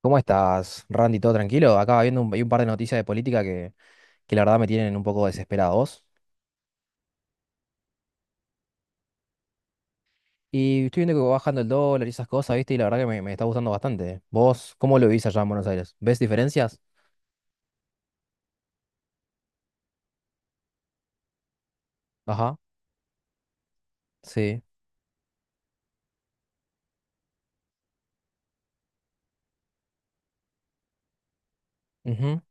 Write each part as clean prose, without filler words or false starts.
¿Cómo estás, Randy? ¿Todo tranquilo? Acá viendo hay un par de noticias de política que la verdad me tienen un poco desesperados. Y estoy viendo que va bajando el dólar y esas cosas, ¿viste? Y la verdad que me está gustando bastante. ¿Vos cómo lo vivís allá en Buenos Aires? ¿Ves diferencias? Ajá, sí. Ujú,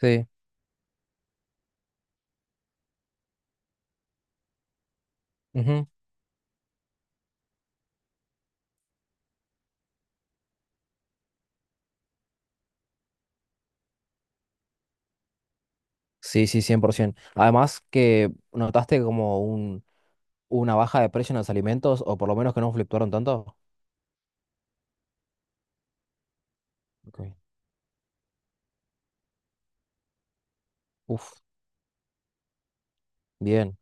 sí. Ujú. Sí, sí, 100%. Además que notaste como una baja de precio en los alimentos, o por lo menos que no fluctuaron tanto. Ok. Uf, bien.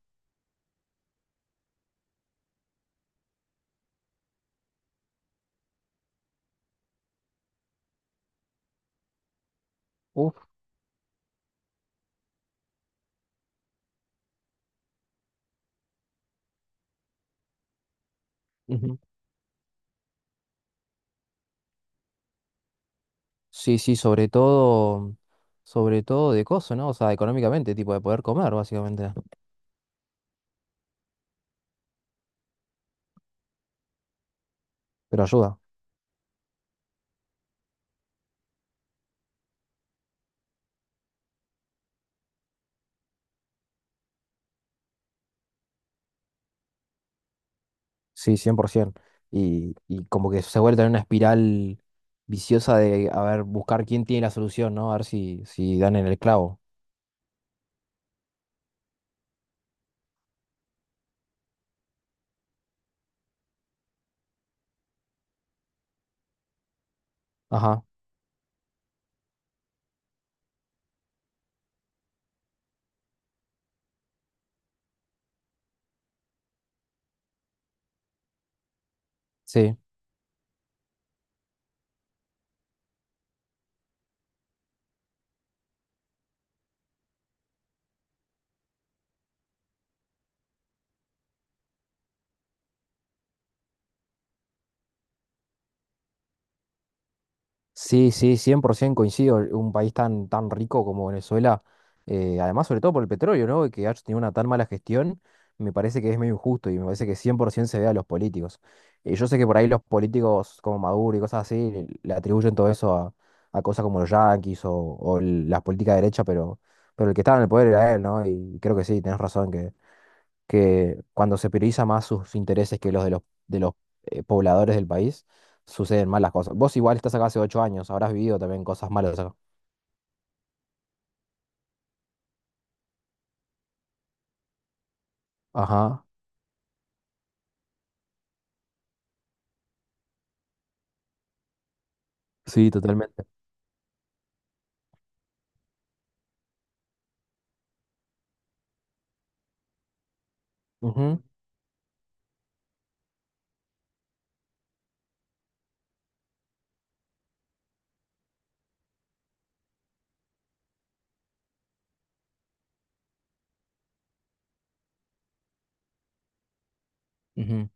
Uf. Sí, sí, sobre todo de coso, ¿no? O sea, económicamente, tipo de poder comer, básicamente. Pero ayuda, sí, 100%. Y como que se vuelve en una espiral viciosa de, a ver, buscar quién tiene la solución, ¿no? A ver si, si dan en el clavo. Ajá, sí. Sí, sí, 100% coincido. Un país tan, tan rico como Venezuela, además sobre todo por el petróleo, ¿no? Que ha tenido una tan mala gestión, me parece que es medio injusto y me parece que 100% se ve a los políticos. Yo sé que por ahí los políticos como Maduro y cosas así le atribuyen todo eso a cosas como los yanquis o, las políticas de derecha, pero el que estaba en el poder era él, ¿no? Y creo que sí, tenés razón, que cuando se prioriza más sus intereses que los de los, de los pobladores del país, suceden malas cosas. Vos igual estás acá hace 8 años, habrás vivido también cosas malas acá. Ajá, sí, totalmente. Ujú, ujú.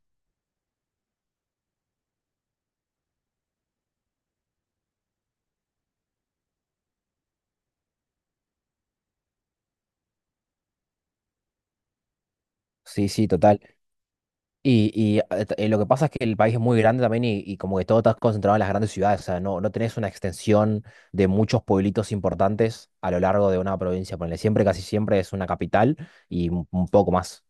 Sí, sí, total. Y lo que pasa es que el país es muy grande también y como que todo está concentrado en las grandes ciudades, o sea, no, no tenés una extensión de muchos pueblitos importantes a lo largo de una provincia, ponele, siempre, casi siempre es una capital y un poco más.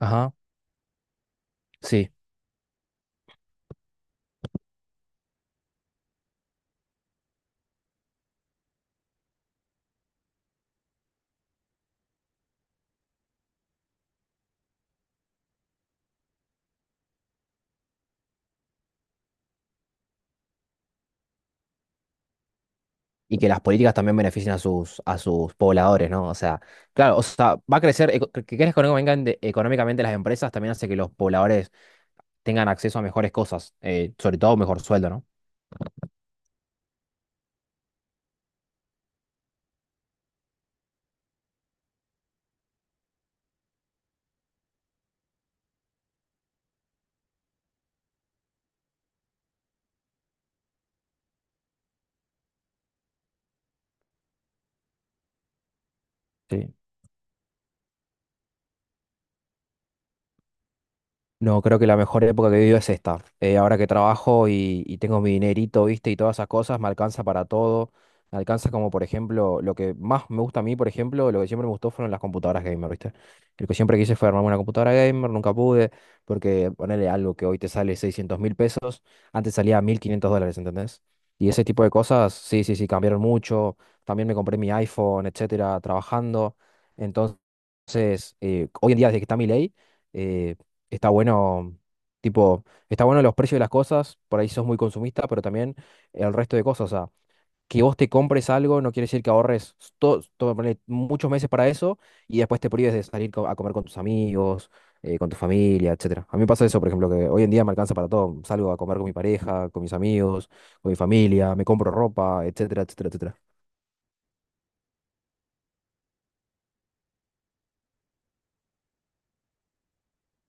Ajá, sí. Y que las políticas también beneficien a sus pobladores, ¿no? O sea, claro, o sea, va a crecer, que crezcan económicamente, económicamente las empresas también hace que los pobladores tengan acceso a mejores cosas, sobre todo mejor sueldo, ¿no? Sí. No, creo que la mejor época que he vivido es esta. Ahora que trabajo y tengo mi dinerito, viste, y todas esas cosas, me alcanza para todo. Me alcanza como, por ejemplo, lo que más me gusta a mí, por ejemplo, lo que siempre me gustó fueron las computadoras gamer, viste. Lo que siempre quise fue armarme una computadora gamer, nunca pude, porque ponerle algo que hoy te sale 600.000 pesos, antes salía 1.500 dólares, ¿entendés? Y ese tipo de cosas, sí, sí, sí, cambiaron mucho. También me compré mi iPhone, etcétera, trabajando. Entonces, hoy en día, desde que está mi ley eh, está bueno, tipo, está bueno los precios de las cosas, por ahí sos muy consumista, pero también el resto de cosas, o sea, que vos te compres algo no quiere decir que ahorres ponele muchos meses para eso y después te prives de salir a comer con tus amigos, con tu familia, etcétera. A mí me pasa eso, por ejemplo, que hoy en día me alcanza para todo, salgo a comer con mi pareja, con mis amigos, con mi familia, me compro ropa, etcétera, etcétera, etcétera.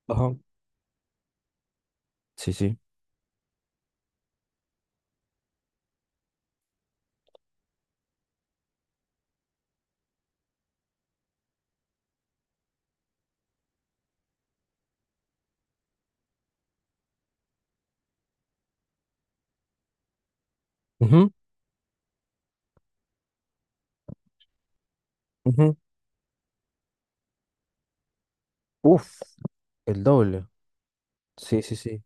Ajá. Sí, sí. Ujú, ujú. Uf, el doble. Sí, sí, sí.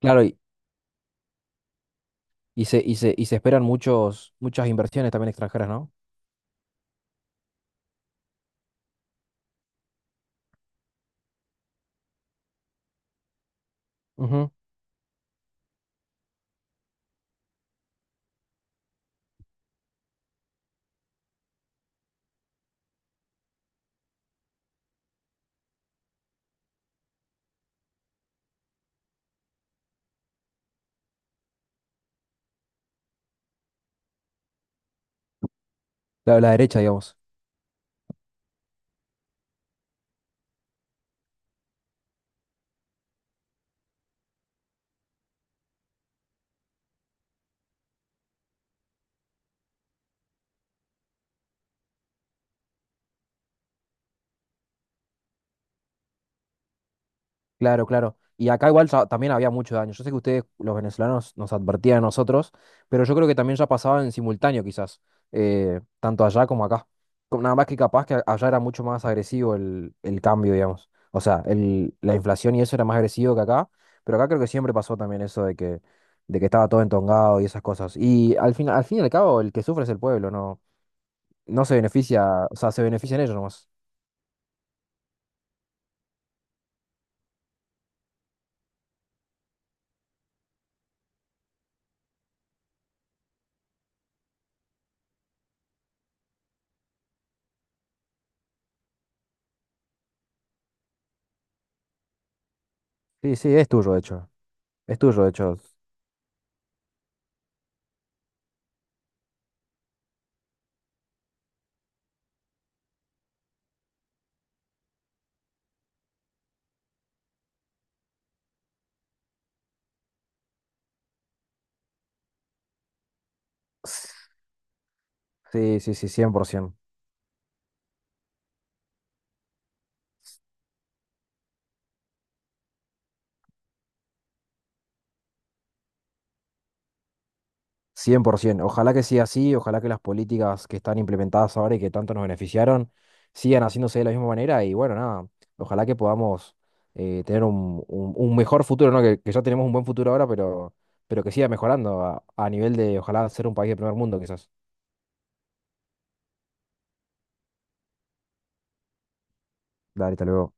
Claro. Y se esperan muchas inversiones también extranjeras, ¿no? Ujú. La derecha, digamos. Claro, claro. Y acá igual ya también había mucho daño. Yo sé que ustedes, los venezolanos, nos advertían a nosotros, pero yo creo que también ya pasaba en simultáneo quizás, tanto allá como acá. Nada más que capaz que allá era mucho más agresivo el cambio, digamos. O sea, el, la inflación y eso era más agresivo que acá, pero acá creo que siempre pasó también eso de que estaba todo entongado y esas cosas. Y al fin y al cabo, el que sufre es el pueblo, ¿no? No se beneficia, o sea, se benefician ellos nomás. Sí, sí, es tuyo, de hecho. Es tuyo, de hecho. Sí, sí, sí, cien por ciento. Cien por 100%. Ojalá que siga así, ojalá que las políticas que están implementadas ahora y que tanto nos beneficiaron sigan haciéndose de la misma manera y bueno, nada, ojalá que podamos tener un mejor futuro, ¿no? Que ya tenemos un buen futuro ahora, pero que siga mejorando a nivel de, ojalá, ser un país de primer mundo, quizás. Dale, hasta luego.